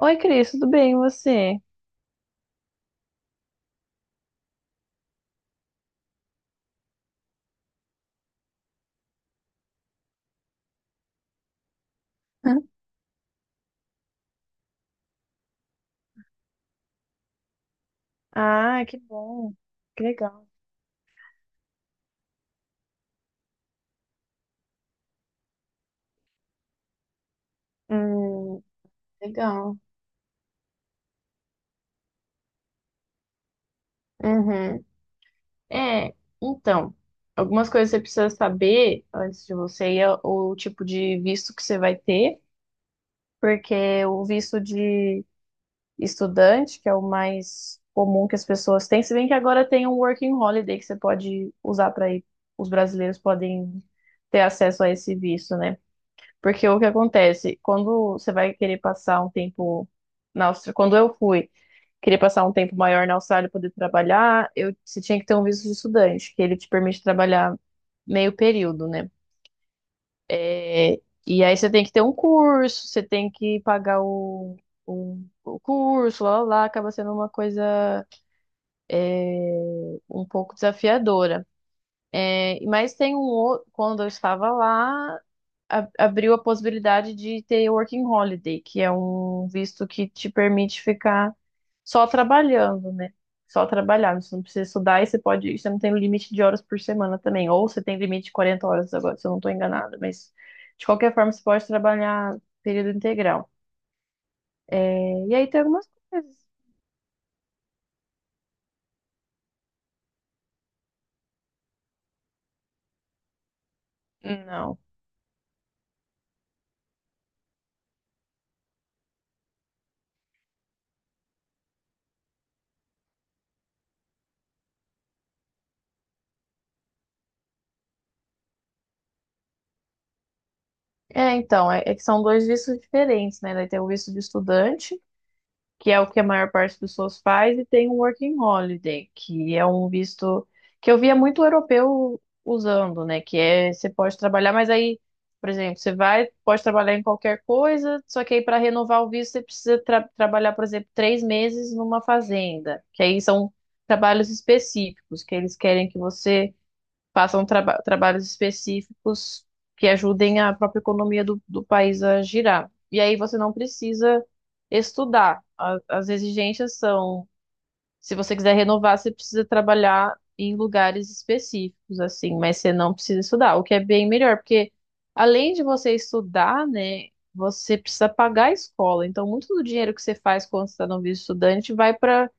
Oi, Cris, tudo bem, e você? Hã? Ah, que bom. Que legal. Hum, legal. Uhum. É, então, algumas coisas você precisa saber antes de você ir é o tipo de visto que você vai ter, porque o visto de estudante, que é o mais comum que as pessoas têm, se bem que agora tem um working holiday que você pode usar para ir, os brasileiros podem ter acesso a esse visto, né? Porque o que acontece, quando você vai querer passar um tempo na Austrália, quando eu fui, queria passar um tempo maior na Austrália para poder trabalhar, eu, você tinha que ter um visto de estudante, que ele te permite trabalhar meio período, né? É, e aí você tem que ter um curso, você tem que pagar o, o curso, lá, lá, lá, acaba sendo uma coisa um pouco desafiadora. É, mas tem um outro, quando eu estava lá, abriu a possibilidade de ter Working Holiday, que é um visto que te permite ficar só trabalhando, né? Só trabalhar, você não precisa estudar e você pode, você não tem limite de horas por semana também, ou você tem limite de 40 horas agora, se eu não estou enganada, mas de qualquer forma você pode trabalhar período integral. É, e aí tem algumas coisas. Não. É, então, é que são dois vistos diferentes, né? Daí tem o visto de estudante que é o que a maior parte das pessoas faz, e tem um working holiday, que é um visto que eu via muito europeu usando, né? Que é você pode trabalhar, mas aí, por exemplo, você vai, pode trabalhar em qualquer coisa, só que aí para renovar o visto você precisa trabalhar, por exemplo, 3 meses numa fazenda, que aí são trabalhos específicos, que eles querem que você façam trabalhos específicos que ajudem a própria economia do país a girar. E aí você não precisa estudar. As exigências são, se você quiser renovar, você precisa trabalhar em lugares específicos, assim, mas você não precisa estudar, o que é bem melhor, porque além de você estudar, né, você precisa pagar a escola. Então, muito do dinheiro que você faz quando você está no visto estudante vai para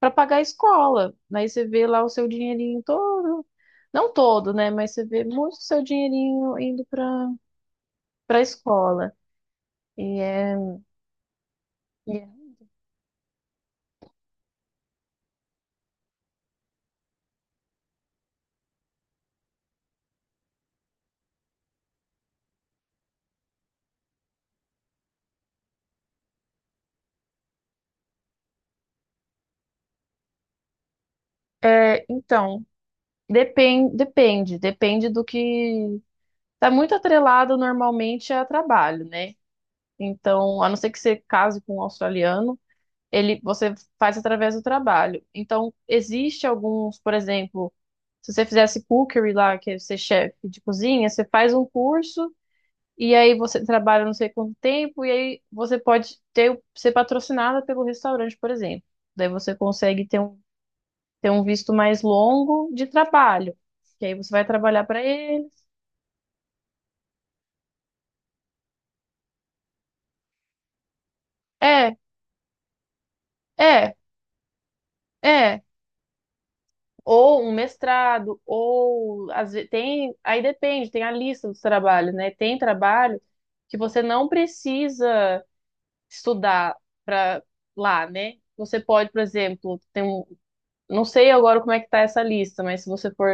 para pagar a escola. Aí você vê lá o seu dinheirinho todo, não todo, né? Mas você vê muito o seu dinheirinho indo para a escola. E é, então, depende do que tá muito atrelado normalmente a trabalho, né? Então, a não ser que você case com um australiano, ele você faz através do trabalho. Então, existe alguns, por exemplo, se você fizesse cookery lá, que é ser chefe de cozinha, você faz um curso. E aí você trabalha não sei quanto tempo, e aí você pode ter, ser patrocinada pelo restaurante, por exemplo. Daí você consegue ter um visto mais longo de trabalho. Que aí você vai trabalhar para eles. É, é, é. Ou um mestrado, ou às vezes tem. Aí depende, tem a lista dos trabalhos, né? Tem trabalho que você não precisa estudar para lá, né? Você pode, por exemplo, não sei agora como é que tá essa lista, mas se você for,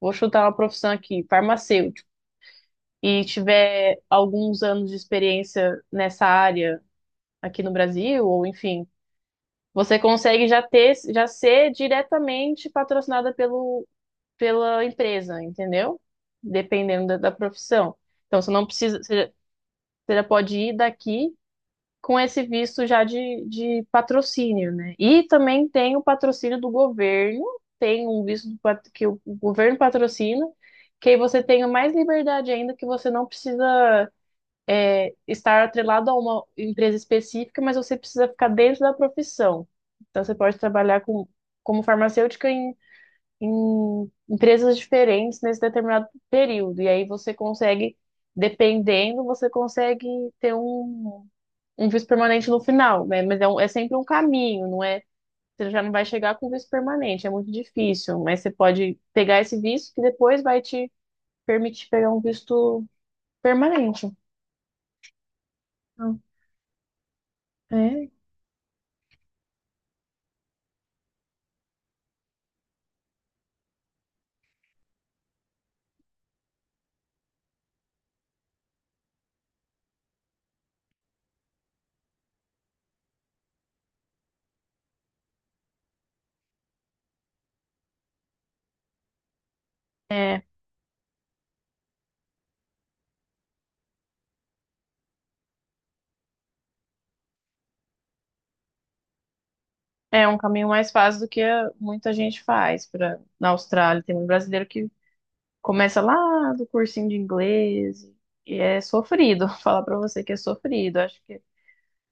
vou chutar uma profissão aqui, farmacêutico, e tiver alguns anos de experiência nessa área aqui no Brasil, ou enfim, você consegue já ter, já ser diretamente patrocinada pela empresa, entendeu? Dependendo da profissão. Então você não precisa, você já pode ir daqui com esse visto já de patrocínio, né? E também tem o patrocínio do governo, tem um visto que o governo patrocina, que aí você tem mais liberdade ainda, que você não precisa é, estar atrelado a uma empresa específica, mas você precisa ficar dentro da profissão. Então você pode trabalhar com, como farmacêutica em, em, empresas diferentes nesse determinado período. E aí você consegue, dependendo, você consegue ter um um visto permanente no final, né? Mas é, é sempre um caminho, não é? Você já não vai chegar com visto permanente, é muito difícil, mas você pode pegar esse visto que depois vai te permitir pegar um visto permanente. Então, É, é, é um caminho mais fácil do que muita gente faz para na Austrália. Tem muito brasileiro que começa lá do cursinho de inglês e é sofrido. Falar para você que é sofrido. Acho que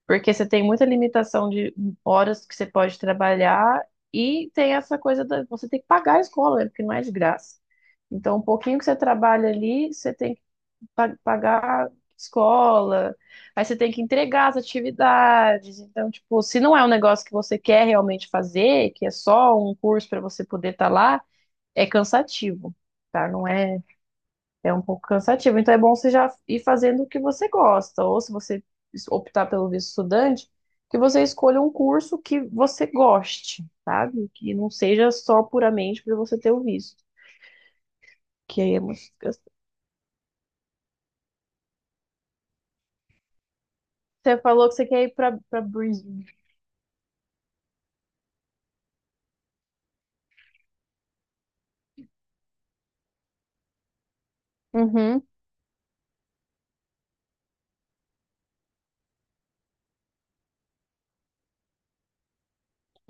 porque você tem muita limitação de horas que você pode trabalhar e tem essa coisa da você tem que pagar a escola, né? Porque não é de graça. Então, um pouquinho que você trabalha ali, você tem que pagar escola, aí você tem que entregar as atividades. Então, tipo, se não é um negócio que você quer realmente fazer, que é só um curso para você poder estar lá, é cansativo, tá? Não é, é um pouco cansativo. Então é bom você já ir fazendo o que você gosta, ou se você optar pelo visto estudante, que você escolha um curso que você goste, sabe? Que não seja só puramente para você ter o visto, que aí é muito desgastante. Você falou que você quer ir para Brisbane. Uhum.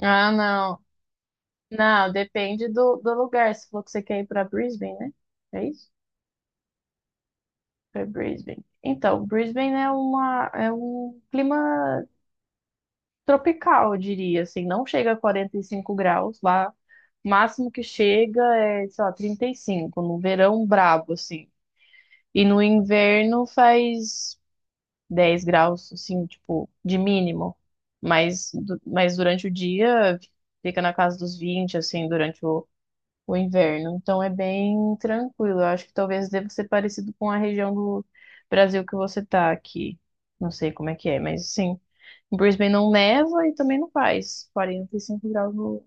Ah, não. Não, depende do lugar. Você falou que você quer ir para Brisbane, né? É isso? Para Brisbane. Então, Brisbane é uma é um clima tropical, eu diria, assim, não chega a 45 graus lá. O máximo que chega é, sei lá, 35, no verão brabo, assim. E no inverno faz 10 graus, assim, tipo, de mínimo. Mas, mas durante o dia fica na casa dos 20, assim, durante o inverno. Então é bem tranquilo. Eu acho que talvez deva ser parecido com a região do Brasil que você tá aqui. Não sei como é que é, mas sim. Em Brisbane não neva e também não faz 45 graus no,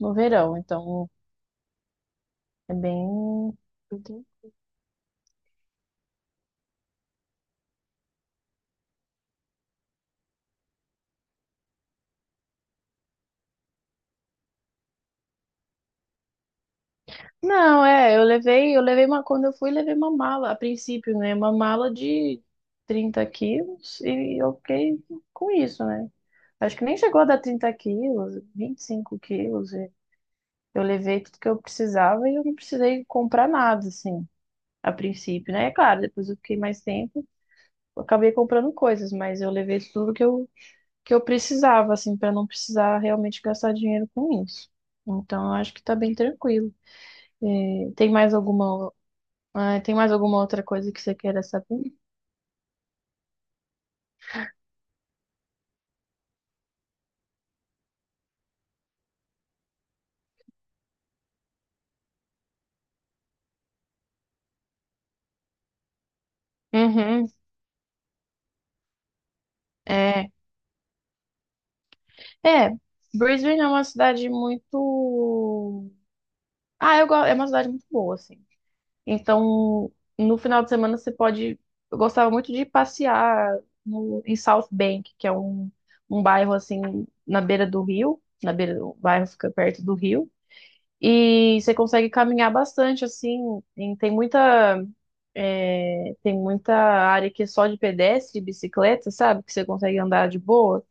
no verão, então é bem. Não, é, eu levei uma, quando eu fui, levei uma mala, a princípio, né? Uma mala de 30 quilos e eu fiquei com isso, né? Acho que nem chegou a dar 30 quilos, 25 quilos. E eu levei tudo que eu precisava e eu não precisei comprar nada, assim, a princípio, né? É claro, depois eu fiquei mais tempo, eu acabei comprando coisas, mas eu levei tudo que eu precisava, assim, para não precisar realmente gastar dinheiro com isso. Então, eu acho que tá bem tranquilo. É, tem mais alguma, tem mais alguma outra coisa que você queira saber? Uhum. É, é, Brisbane é uma cidade muito, ah, eu gosto, é uma cidade muito boa, assim. Então, no final de semana você pode, eu gostava muito de passear no, em South Bank, que é um bairro assim na beira do rio, na beira do o bairro fica perto do rio. E você consegue caminhar bastante, assim, em- tem muita, tem muita área que é só de pedestre, e bicicleta, sabe? Que você consegue andar de boa.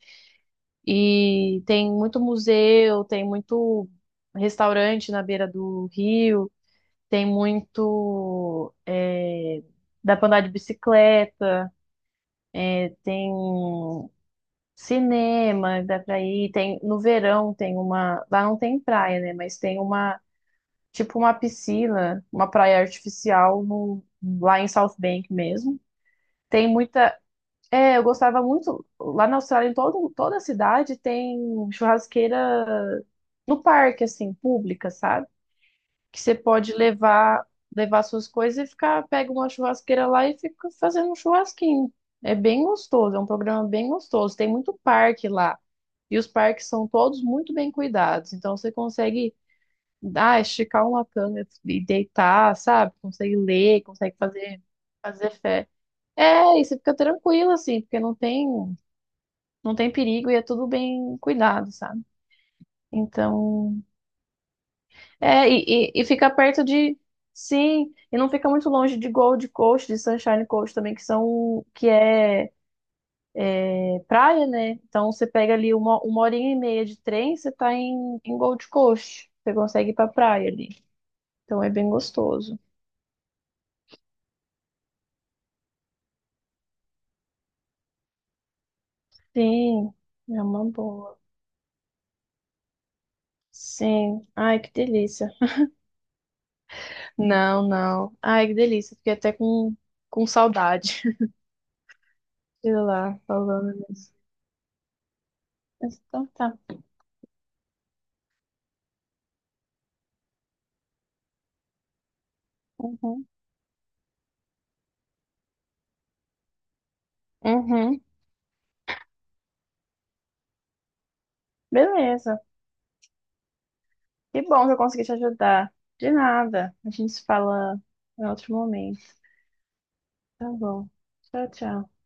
E tem muito museu, tem muito restaurante na beira do rio, tem muito, é, dá pra andar de bicicleta, tem cinema, dá pra ir, tem, no verão tem uma, lá não tem praia, né? Mas tem uma tipo uma piscina, uma praia artificial no, lá em South Bank mesmo. Tem muita. É, eu gostava muito. Lá na Austrália, em toda a cidade tem churrasqueira no parque, assim, pública, sabe? Que você pode levar suas coisas e ficar, pega uma churrasqueira lá e fica fazendo um churrasquinho. É bem gostoso, é um programa bem gostoso. Tem muito parque lá. E os parques são todos muito bem cuidados. Então você consegue esticar uma canga e deitar, sabe? Consegue ler, consegue fazer, fazer fé. É, e você fica tranquilo, assim, porque não tem perigo e é tudo bem cuidado, sabe? Então, é, e fica perto de, sim, e não fica muito longe de Gold Coast, de Sunshine Coast também, que são, que é, é praia, né? Então você pega ali uma horinha e meia de trem, você tá em Gold Coast. Você consegue ir pra praia ali. Então é bem gostoso. Sim, é uma boa. Sim. Ai, que delícia. Não, não. Ai, que delícia. Fiquei até com saudade. Sei lá, falando. Mas então tá. Uhum. Uhum. Beleza. Que bom que eu consegui te ajudar. De nada. A gente se fala em outro momento. Tá bom. Tchau, tchau.